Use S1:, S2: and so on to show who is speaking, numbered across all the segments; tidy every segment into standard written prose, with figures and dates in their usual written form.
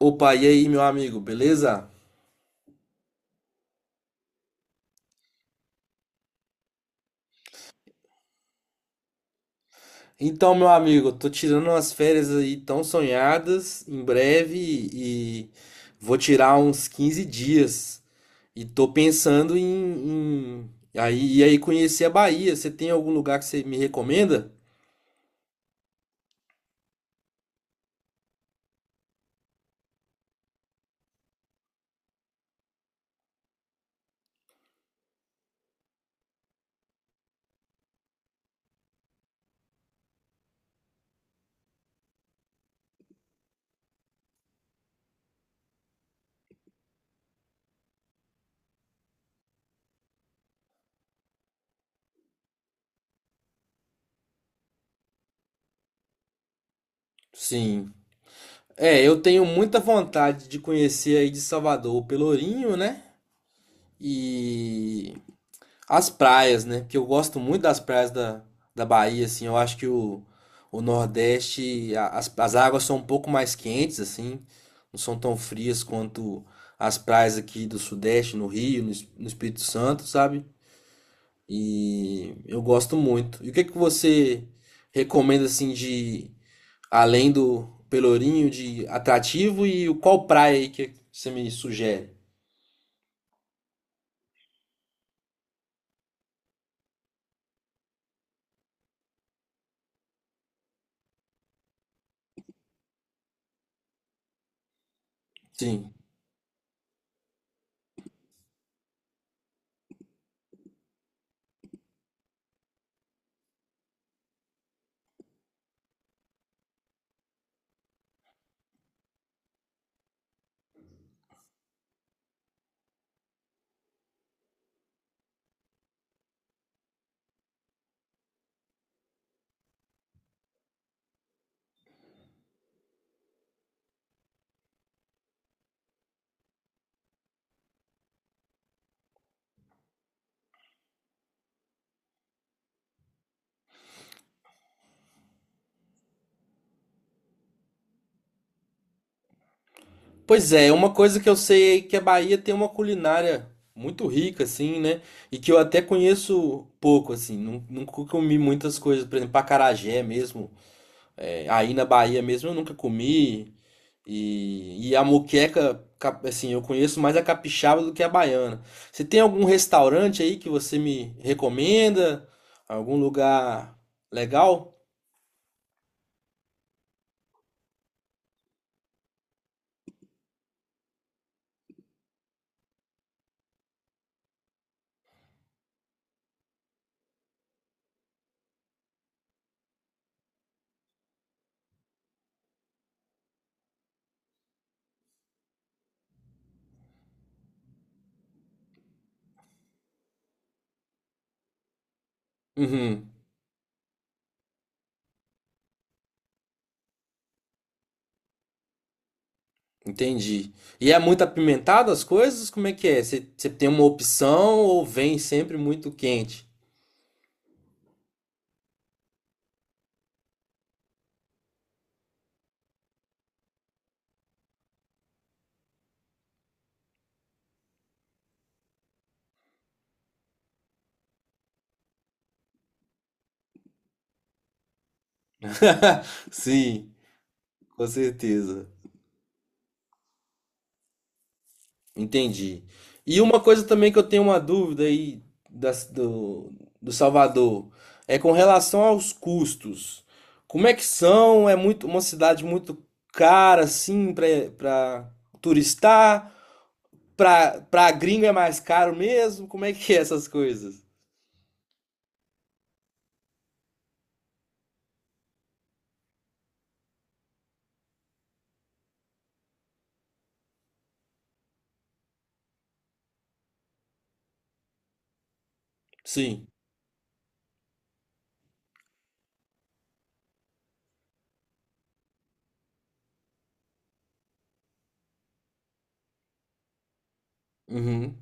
S1: Opa, e aí, meu amigo, beleza? Então, meu amigo, eu tô tirando umas férias aí tão sonhadas em breve e vou tirar uns 15 dias. E tô pensando aí, e aí conhecer a Bahia. Você tem algum lugar que você me recomenda? Sim. É, eu tenho muita vontade de conhecer aí de Salvador o Pelourinho, né? E as praias, né? Porque eu gosto muito das praias da Bahia, assim. Eu acho que o Nordeste, as águas são um pouco mais quentes, assim. Não são tão frias quanto as praias aqui do Sudeste, no Rio, no Espírito Santo, sabe? E eu gosto muito. E o que que você recomenda, assim, de... Além do Pelourinho, de atrativo e o qual praia aí que você me sugere? Sim. Pois é, uma coisa que eu sei é que a Bahia tem uma culinária muito rica, assim, né? E que eu até conheço pouco, assim. Nunca comi muitas coisas, por exemplo, acarajé mesmo. É, aí na Bahia mesmo eu nunca comi. E a moqueca, assim, eu conheço mais a capixaba do que a baiana. Você tem algum restaurante aí que você me recomenda? Algum lugar legal? Uhum. Entendi. E é muito apimentado as coisas? Como é que é? Você tem uma opção ou vem sempre muito quente? Sim, com certeza. Entendi. E uma coisa também que eu tenho uma dúvida aí das- do, do Salvador é com relação aos custos. Como é que são? É muito uma cidade muito cara assim para turistar? Para gringo é mais caro mesmo? Como é que é essas coisas? Sim. Uhum.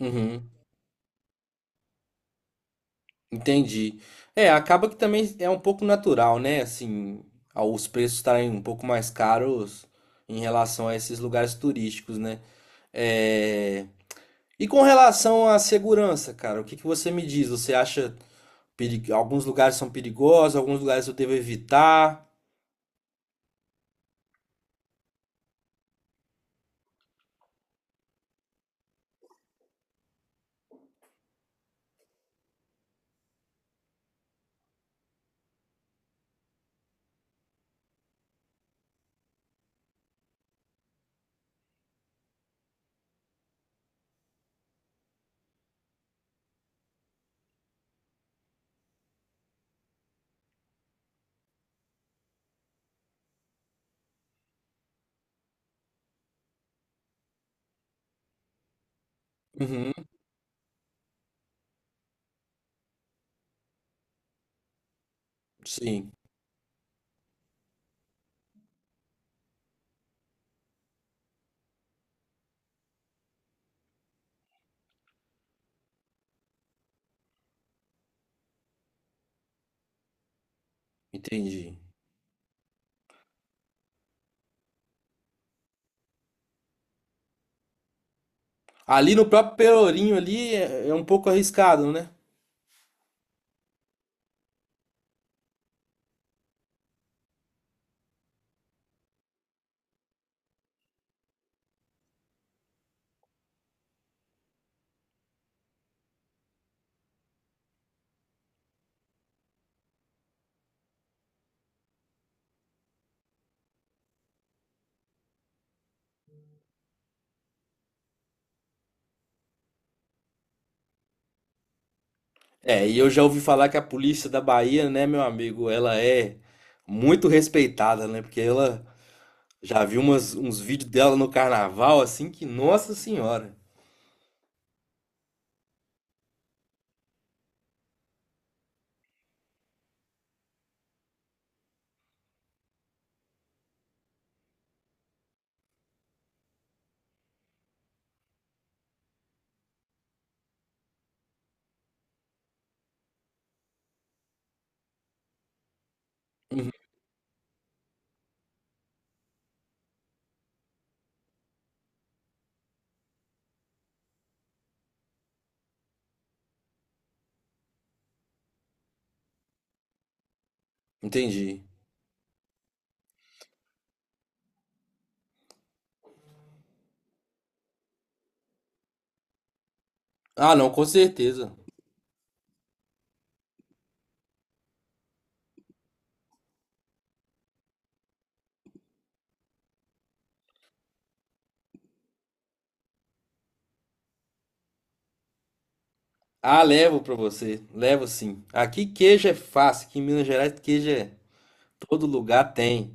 S1: Uhum, entendi. É, acaba que também é um pouco natural, né? Assim, os preços estarem um pouco mais caros em relação a esses lugares turísticos, né? É... E com relação à segurança, cara, o que que você me diz? Você acha que alguns lugares são perigosos, alguns lugares eu devo evitar? Uhum, sim, entendi. Ali no próprio Pelourinho ali é um pouco arriscado, né? É, e eu já ouvi falar que a polícia da Bahia, né, meu amigo, ela é muito respeitada, né? Porque ela já viu umas, uns vídeos dela no carnaval, assim, que, nossa senhora. Uhum, entendi. Ah, não, com certeza. Ah, levo pra você. Levo sim. Aqui queijo é fácil, aqui em Minas Gerais queijo é todo lugar tem.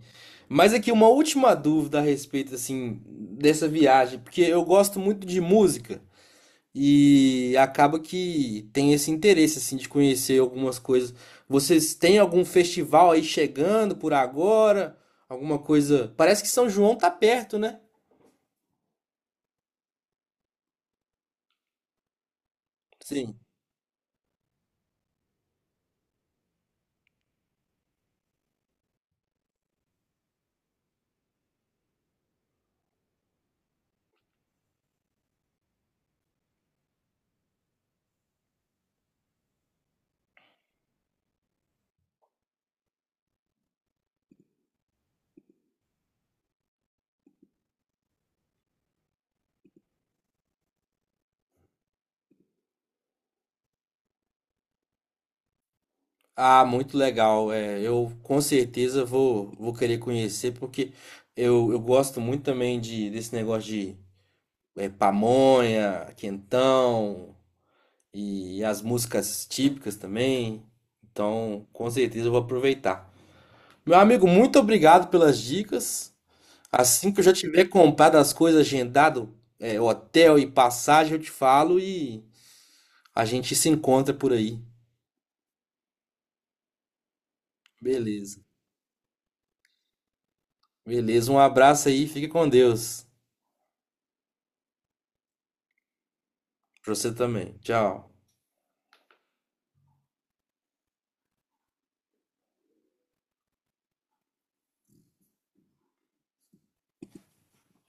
S1: Mas aqui uma última dúvida a respeito, assim, dessa viagem, porque eu gosto muito de música. E acaba que tem esse interesse assim de conhecer algumas coisas. Vocês têm algum festival aí chegando por agora? Alguma coisa? Parece que São João tá perto, né? Sim. Ah, muito legal. É, eu com certeza vou querer conhecer porque eu gosto muito também de desse negócio de é, pamonha, quentão e as músicas típicas também. Então, com certeza eu vou aproveitar. Meu amigo, muito obrigado pelas dicas. Assim que eu já tiver comprado as coisas, agendado, é, hotel e passagem, eu te falo e a gente se encontra por aí. Beleza. Beleza, um abraço aí, fique com Deus. Pra você também. Tchau.